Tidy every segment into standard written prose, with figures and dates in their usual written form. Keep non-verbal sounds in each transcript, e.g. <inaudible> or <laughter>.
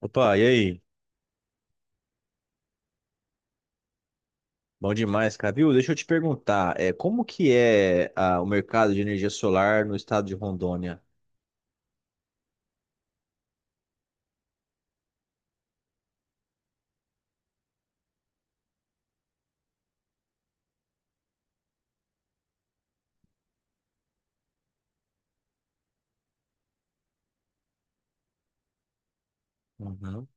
Opa, e aí? Bom demais, cara. Viu? Deixa eu te perguntar, como que é o mercado de energia solar no estado de Rondônia? Uhum.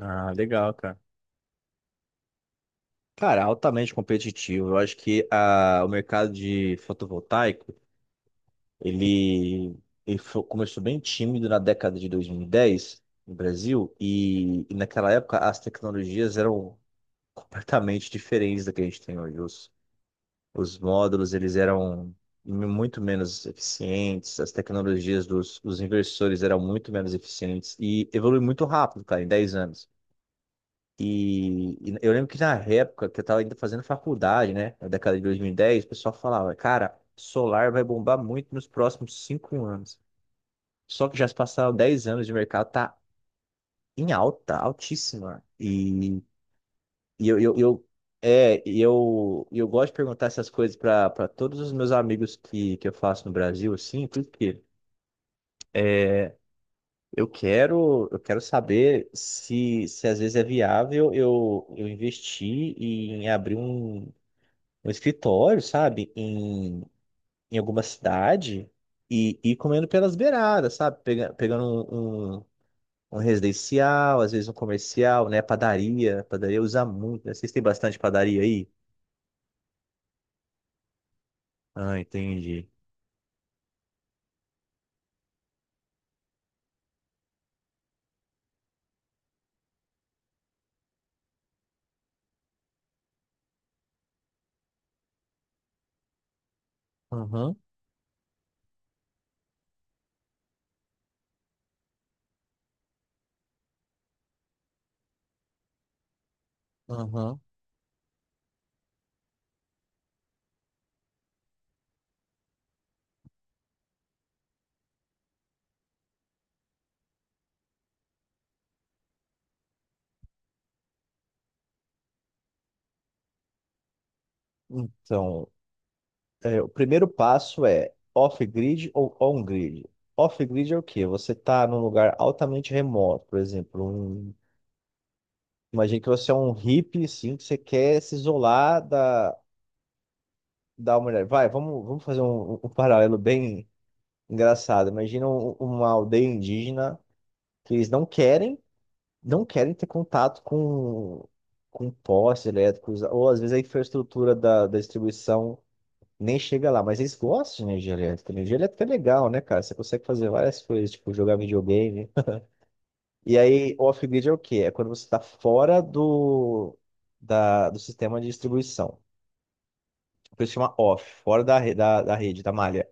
Ah, legal, cara. Cara, altamente competitivo. Eu acho que o mercado de fotovoltaico, ele, ele começou bem tímido na década de 2010 no Brasil e, naquela época as tecnologias eram <laughs> completamente diferentes da que a gente tem hoje. Os módulos eles eram muito menos eficientes, as tecnologias dos inversores eram muito menos eficientes e evoluiu muito rápido, cara, em 10 anos. E, eu lembro que na época que eu estava ainda fazendo faculdade, né, na década de 2010 o pessoal falava, cara, solar vai bombar muito nos próximos 5 anos. Só que já se passaram 10 anos de mercado, tá em alta, altíssima. E eu, é, e eu gosto de perguntar essas coisas para todos os meus amigos que, eu faço no Brasil, assim, porque é, eu quero saber se, se às vezes é viável eu investir em abrir um escritório, sabe, em alguma cidade e ir comendo pelas beiradas, sabe. Pegando um residencial, às vezes um comercial, né, padaria, padaria usa muito, né? Vocês têm bastante padaria aí? Ah, entendi. Aham, aham. Então, o primeiro passo é off-grid ou on-grid. Off-grid é o quê? Você está num lugar altamente remoto, por exemplo. Imagine que você é um hippie, assim, que você quer se isolar da humanidade. Vai, vamos fazer um paralelo bem engraçado. Imagina uma aldeia indígena que eles não querem, não querem ter contato com postes elétricos, ou às vezes a infraestrutura da distribuição nem chega lá, mas eles gostam de energia elétrica. Energia elétrica é legal, né, cara? Você consegue fazer várias coisas, tipo jogar videogame. E aí, off-grid é o quê? É quando você está fora da, do sistema de distribuição. Por isso chama off, fora da rede, da malha.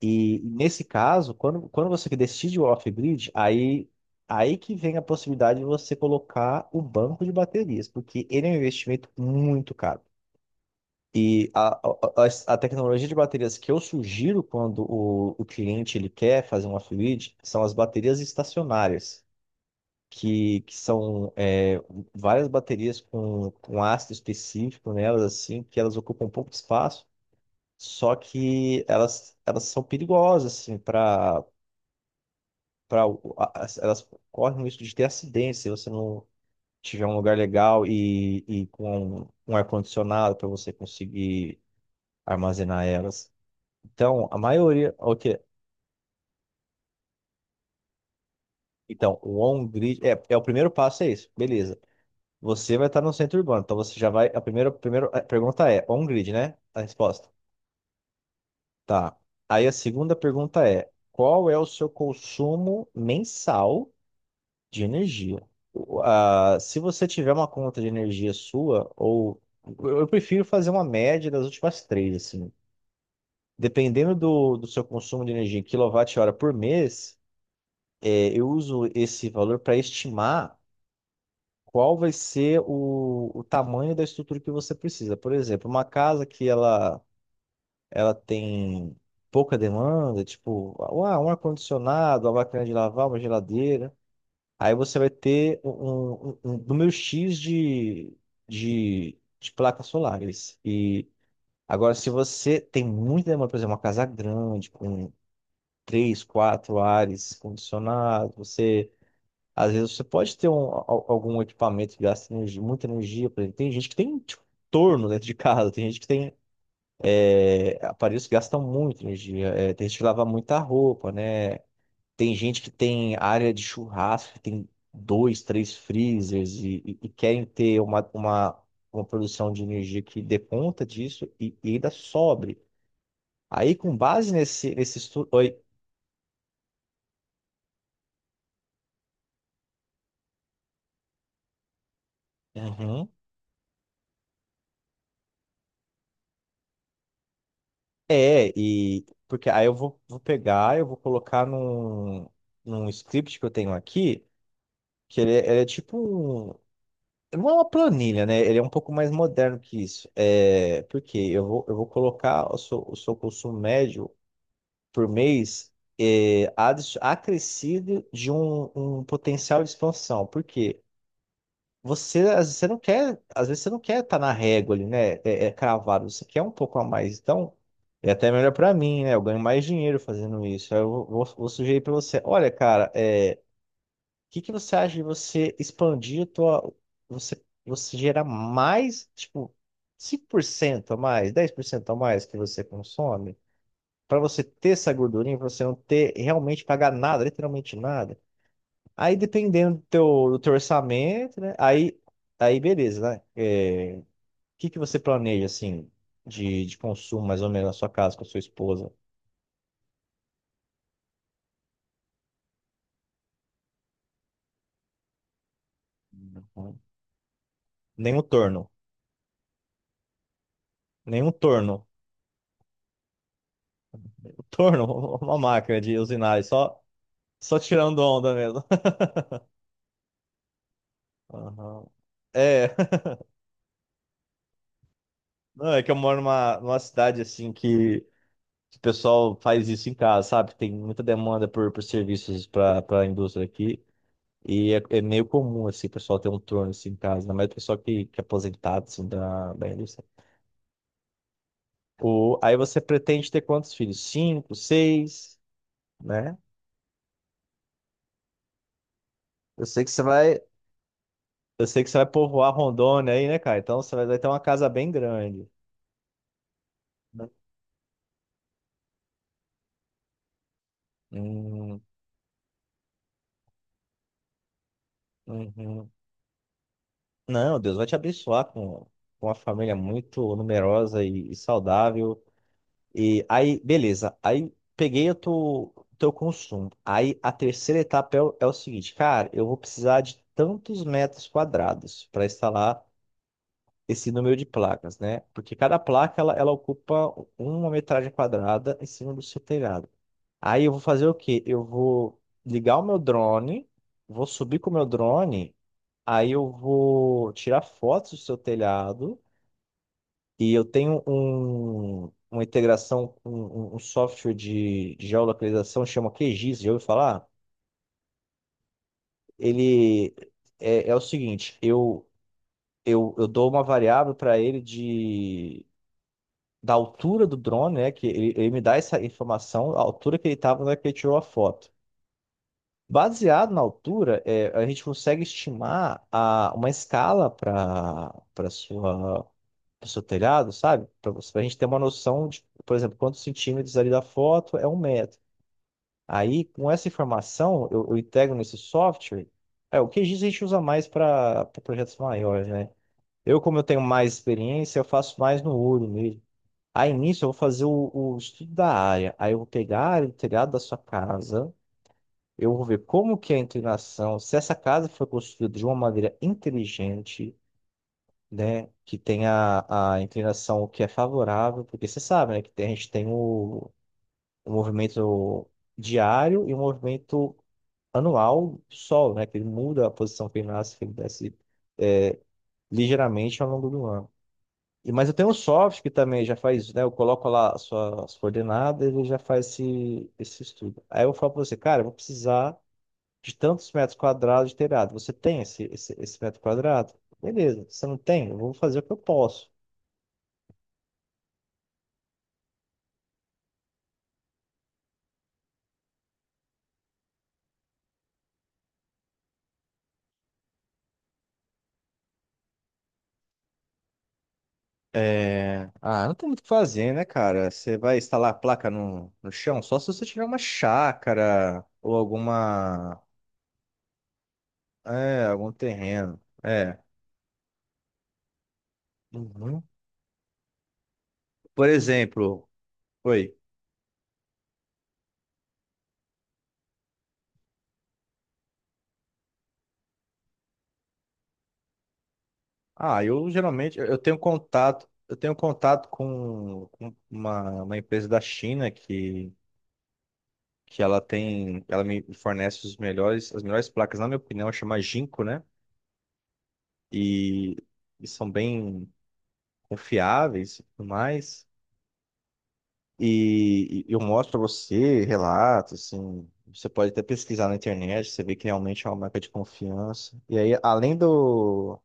E nesse caso, quando você decide o off-grid, aí que vem a possibilidade de você colocar o banco de baterias, porque ele é um investimento muito caro. E a tecnologia de baterias que eu sugiro quando o cliente ele quer fazer uma fluid são as baterias estacionárias, que são várias baterias com ácido específico nelas, assim, que elas ocupam pouco espaço, só que elas são perigosas, assim, para para elas correm o risco de ter acidente se você não tiver um lugar legal e com um ar-condicionado para você conseguir armazenar elas. Então, a maioria. O quê? Então, o on-grid. O primeiro passo é isso. Beleza. Você vai estar no centro urbano. Então, você já vai. A primeira a pergunta é: on-grid, né? A resposta. Tá. Aí, a segunda pergunta é: qual é o seu consumo mensal de energia? Se você tiver uma conta de energia sua, ou. Eu prefiro fazer uma média das últimas três, assim. Dependendo do seu consumo de energia em quilowatt-hora por mês, eu uso esse valor para estimar qual vai ser o tamanho da estrutura que você precisa. Por exemplo, uma casa que ela tem pouca demanda, tipo um ar-condicionado, uma máquina de lavar, uma geladeira. Aí você vai ter um número X de placas solares. E agora, se você tem muita demanda, por exemplo, uma casa grande, com três, quatro ares condicionados, você às vezes você pode ter algum equipamento que gasta muita energia, por exemplo. Tem gente que tem tipo, torno dentro de casa, tem gente que tem aparelhos que gastam muita energia, tem gente que lava muita roupa, né? Tem gente que tem área de churrasco, que tem dois, três freezers e querem ter uma produção de energia que dê conta disso e ainda sobre. Aí, com base nesse estudo. Oi. Uhum. É, e porque aí eu vou, vou pegar, eu vou colocar num script que eu tenho aqui, que ele é tipo um. Não é uma planilha, né? Ele é um pouco mais moderno que isso. É, porque eu vou colocar o seu consumo médio por mês acrescido de um potencial de expansão. Por quê? Você, às vezes, você não quer, às vezes você não quer estar na régua ali, né? É, é cravado, você quer um pouco a mais. Então, é até melhor pra mim, né? Eu ganho mais dinheiro fazendo isso. Aí eu vou sugerir pra você. Olha, cara, o que que você acha de você expandir você, você gerar mais, tipo, 5% a mais, 10% a mais que você consome, pra você ter essa gordurinha, pra você não ter realmente pagar nada, literalmente nada. Aí dependendo do teu orçamento, né? Aí beleza, né? O que que você planeja, assim, de consumo, mais ou menos, na sua casa, com a sua esposa? Nenhum torno. Nenhum torno. O torno, <laughs> uma máquina de usinar, só, só tirando onda mesmo. <laughs> Aham. É, <laughs> não, é que eu moro numa cidade assim que o pessoal faz isso em casa, sabe? Tem muita demanda por serviços para a indústria aqui. E é, é meio comum, assim, o pessoal ter um turno assim, em casa, ainda mais o pessoal que é aposentado, assim, da indústria. O, aí você pretende ter quantos filhos? Cinco, seis, né? Eu sei que você vai, eu sei que você vai povoar Rondônia aí, né, cara? Então vai ter uma casa bem grande. Né? Hum, uhum. Não, Deus vai te abençoar com uma família muito numerosa e saudável. E aí, beleza. Aí peguei teu consumo. Aí a terceira etapa é, o é o seguinte, cara, eu vou precisar de tantos metros quadrados para instalar esse número de placas, né? Porque cada placa ela ocupa uma metragem quadrada em cima do seu telhado. Aí eu vou fazer o quê? Eu vou ligar o meu drone, vou subir com o meu drone, aí eu vou tirar fotos do seu telhado. E eu tenho uma integração, um software de geolocalização, chama QGIS, já ouviu falar? Ele é o seguinte, eu dou uma variável para ele da altura do drone, né? Que ele me dá essa informação, a altura que ele estava na hora que ele tirou a foto. Baseado na altura, a gente consegue estimar a, uma escala para para sua pro seu telhado, sabe? Para você, para a gente ter uma noção de, por exemplo, quantos centímetros ali da foto é um metro. Aí, com essa informação, eu integro nesse software. É, o QGIS a gente usa mais para projetos maiores, né? Eu, como eu tenho mais experiência, eu faço mais no olho mesmo. Aí, nisso, eu vou fazer o estudo da área. Aí, eu vou pegar a área do telhado da sua casa. Eu vou ver como que é a inclinação, se essa casa foi construída de uma maneira inteligente, né? Que tem a inclinação que é favorável, porque você sabe, né? A gente tem o movimento diário e o movimento anual do Sol, né? Que ele muda a posição que ele nasce, que ele desce é, ligeiramente ao longo do ano. E, mas eu tenho um software que também já faz isso, né? Eu coloco lá as coordenadas e ele já faz esse estudo. Aí eu falo para você, cara, eu vou precisar de tantos metros quadrados de telhado. Você tem esse metro quadrado? Beleza. Você não tem? Eu vou fazer o que eu posso. É... Ah, não tem muito o que fazer, né, cara? Você vai instalar a placa no chão só se você tiver uma chácara ou alguma. É, algum terreno. É. Uhum. Por exemplo, oi. Ah, eu geralmente eu tenho contato com uma empresa da China que ela tem, ela me fornece os melhores, as melhores placas, na minha opinião, chama Jinko, né? E, e são bem confiáveis e tudo mais. E eu mostro pra você relato assim, você pode até pesquisar na internet, você vê que realmente é uma marca de confiança. E aí, além do,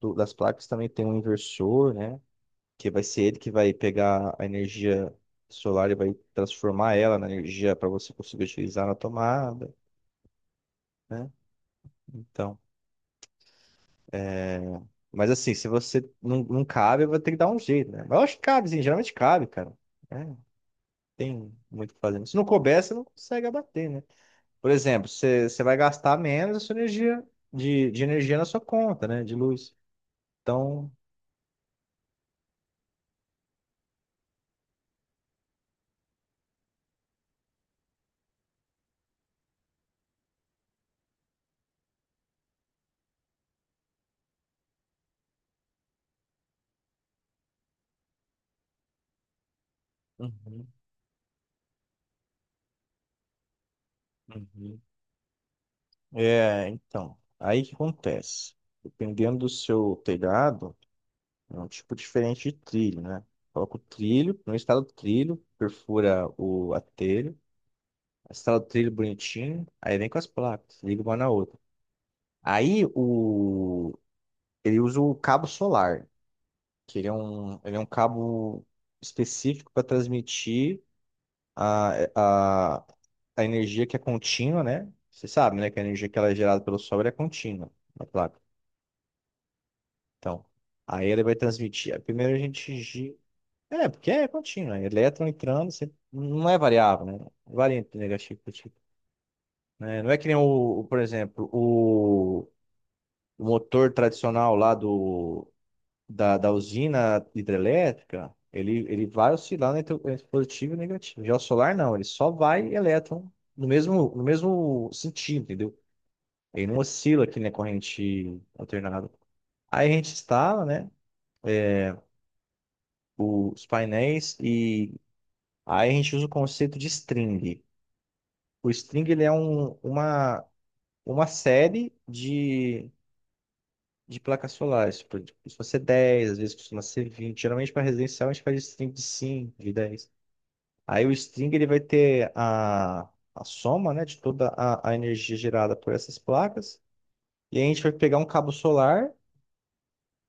do- das placas, também tem um inversor, né? Que vai ser ele que vai pegar a energia solar e vai transformar ela na energia para você conseguir utilizar na tomada, né? Então, mas assim, se você não, não cabe, vai ter que dar um jeito, né? Mas eu acho que cabe, sim, geralmente cabe, cara. É, tem muito o que fazer. Se não couber, você não consegue abater, né? Por exemplo, você vai gastar menos a sua energia de energia na sua conta, né? De luz. Então, uhum, uhum. É, então, aí o que acontece? Dependendo do seu telhado, é um tipo diferente de trilho, né? Coloca o trilho, não instala o trilho, perfura o, a telha, instala o trilho bonitinho, aí vem com as placas, liga uma na outra. Aí ele usa o cabo solar, que ele é um cabo específico para transmitir A, a, a energia que é contínua, né? Você sabe, né? Que a energia que ela é gerada pelo Sol ela é contínua na placa. Então, aí ele vai transmitir. Primeiro a gente É, porque é contínua. Elétron entrando, você não é variável, né? Varia entre negativo e positivo. Né? Não é que nem por exemplo, o motor tradicional lá da usina hidrelétrica, ele vai oscilar entre positivo e negativo. Já o solar não, ele só vai elétron no mesmo sentido, entendeu? Ele não oscila aqui na corrente alternada. Aí a gente instala, né, os painéis e aí a gente usa o conceito de string. O string ele é uma série de placas solares. Tipo, costuma ser 10, às vezes costuma ser 20. Geralmente, para residencial, a gente faz string de cinco, de 10. Aí o string ele vai ter a soma, né, de toda a energia gerada por essas placas. E aí a gente vai pegar um cabo solar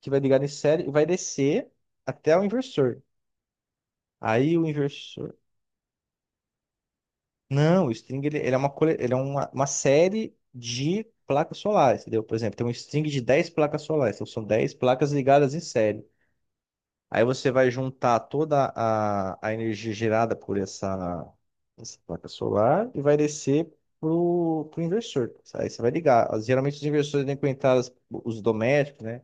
que vai ligar em série e vai descer até o inversor. Aí o inversor. Não, o string ele é uma, cole- ele é uma série de placas solares, entendeu? Por exemplo, tem um string de 10 placas solares, então são 10 placas ligadas em série. Aí você vai juntar toda a energia gerada por essa placa solar e vai descer pro inversor. Aí você vai ligar. Geralmente os inversores têm conectados os domésticos, né?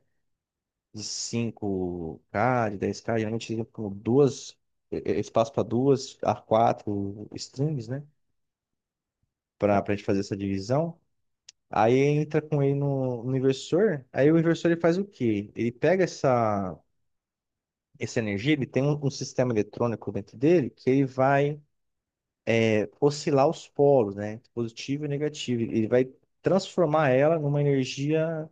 De 5K, de 10K, geralmente eles vêm com espaço para duas a quatro strings, né? Para a gente fazer essa divisão. Aí entra com ele no inversor. Aí o inversor ele faz o quê? Ele pega essa energia, ele tem um sistema eletrônico dentro dele que ele vai oscilar os polos, né? Positivo e negativo. Ele vai transformar ela numa energia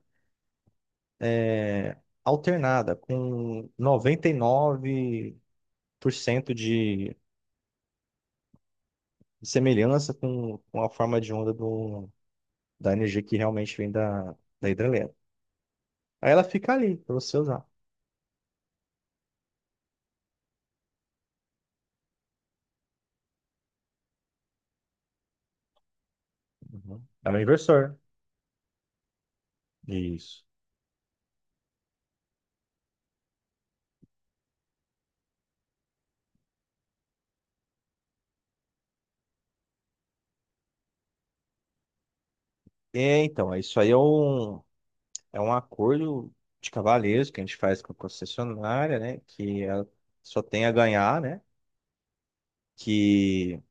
é, alternada, com 99% de semelhança com a forma de onda da energia que realmente vem da, da hidrelétrica. Aí ela fica ali para você usar. Uhum. É um inversor. Isso. É, então, isso aí é um acordo de cavalheiros que a gente faz com a concessionária, né? Que ela só tem a ganhar, né? Que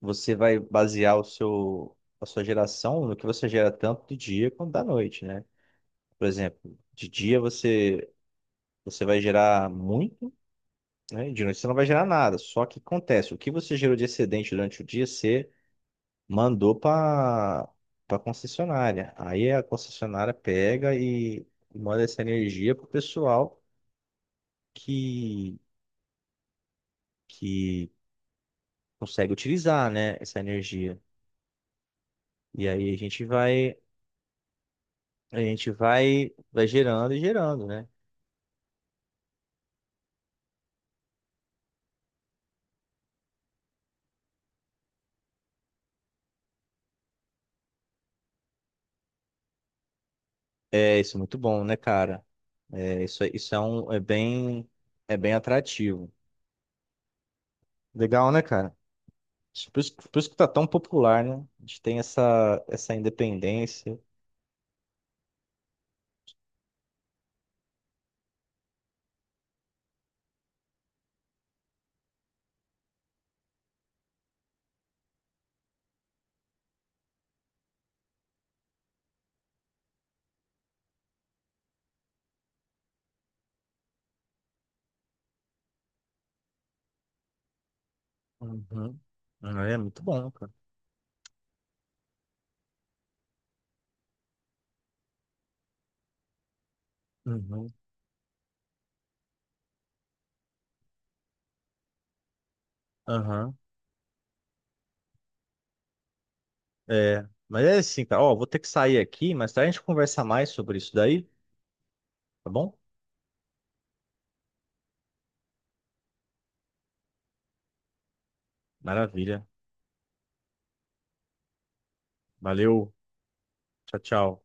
você vai basear a sua geração no que você gera tanto de dia quanto da noite, né? Por exemplo, de dia você vai gerar muito, né? E de noite você não vai gerar nada. Só que acontece, o que você gerou de excedente durante o dia, você mandou para concessionária. Aí a concessionária pega e manda essa energia pro pessoal que que consegue utilizar, né, essa energia. E aí a gente vai gerando e gerando, né? É, isso é muito bom, né, cara? É, isso, é bem atrativo. Legal, né, cara? Por isso que tá tão popular, né? A gente tem essa independência. Uhum. Ah, é muito bom, cara. Uhum. Aham. É. Mas é assim, cara. Ó, vou ter que sair aqui, mas a gente conversa mais sobre isso daí, tá bom? Maravilha. Valeu. Tchau, tchau.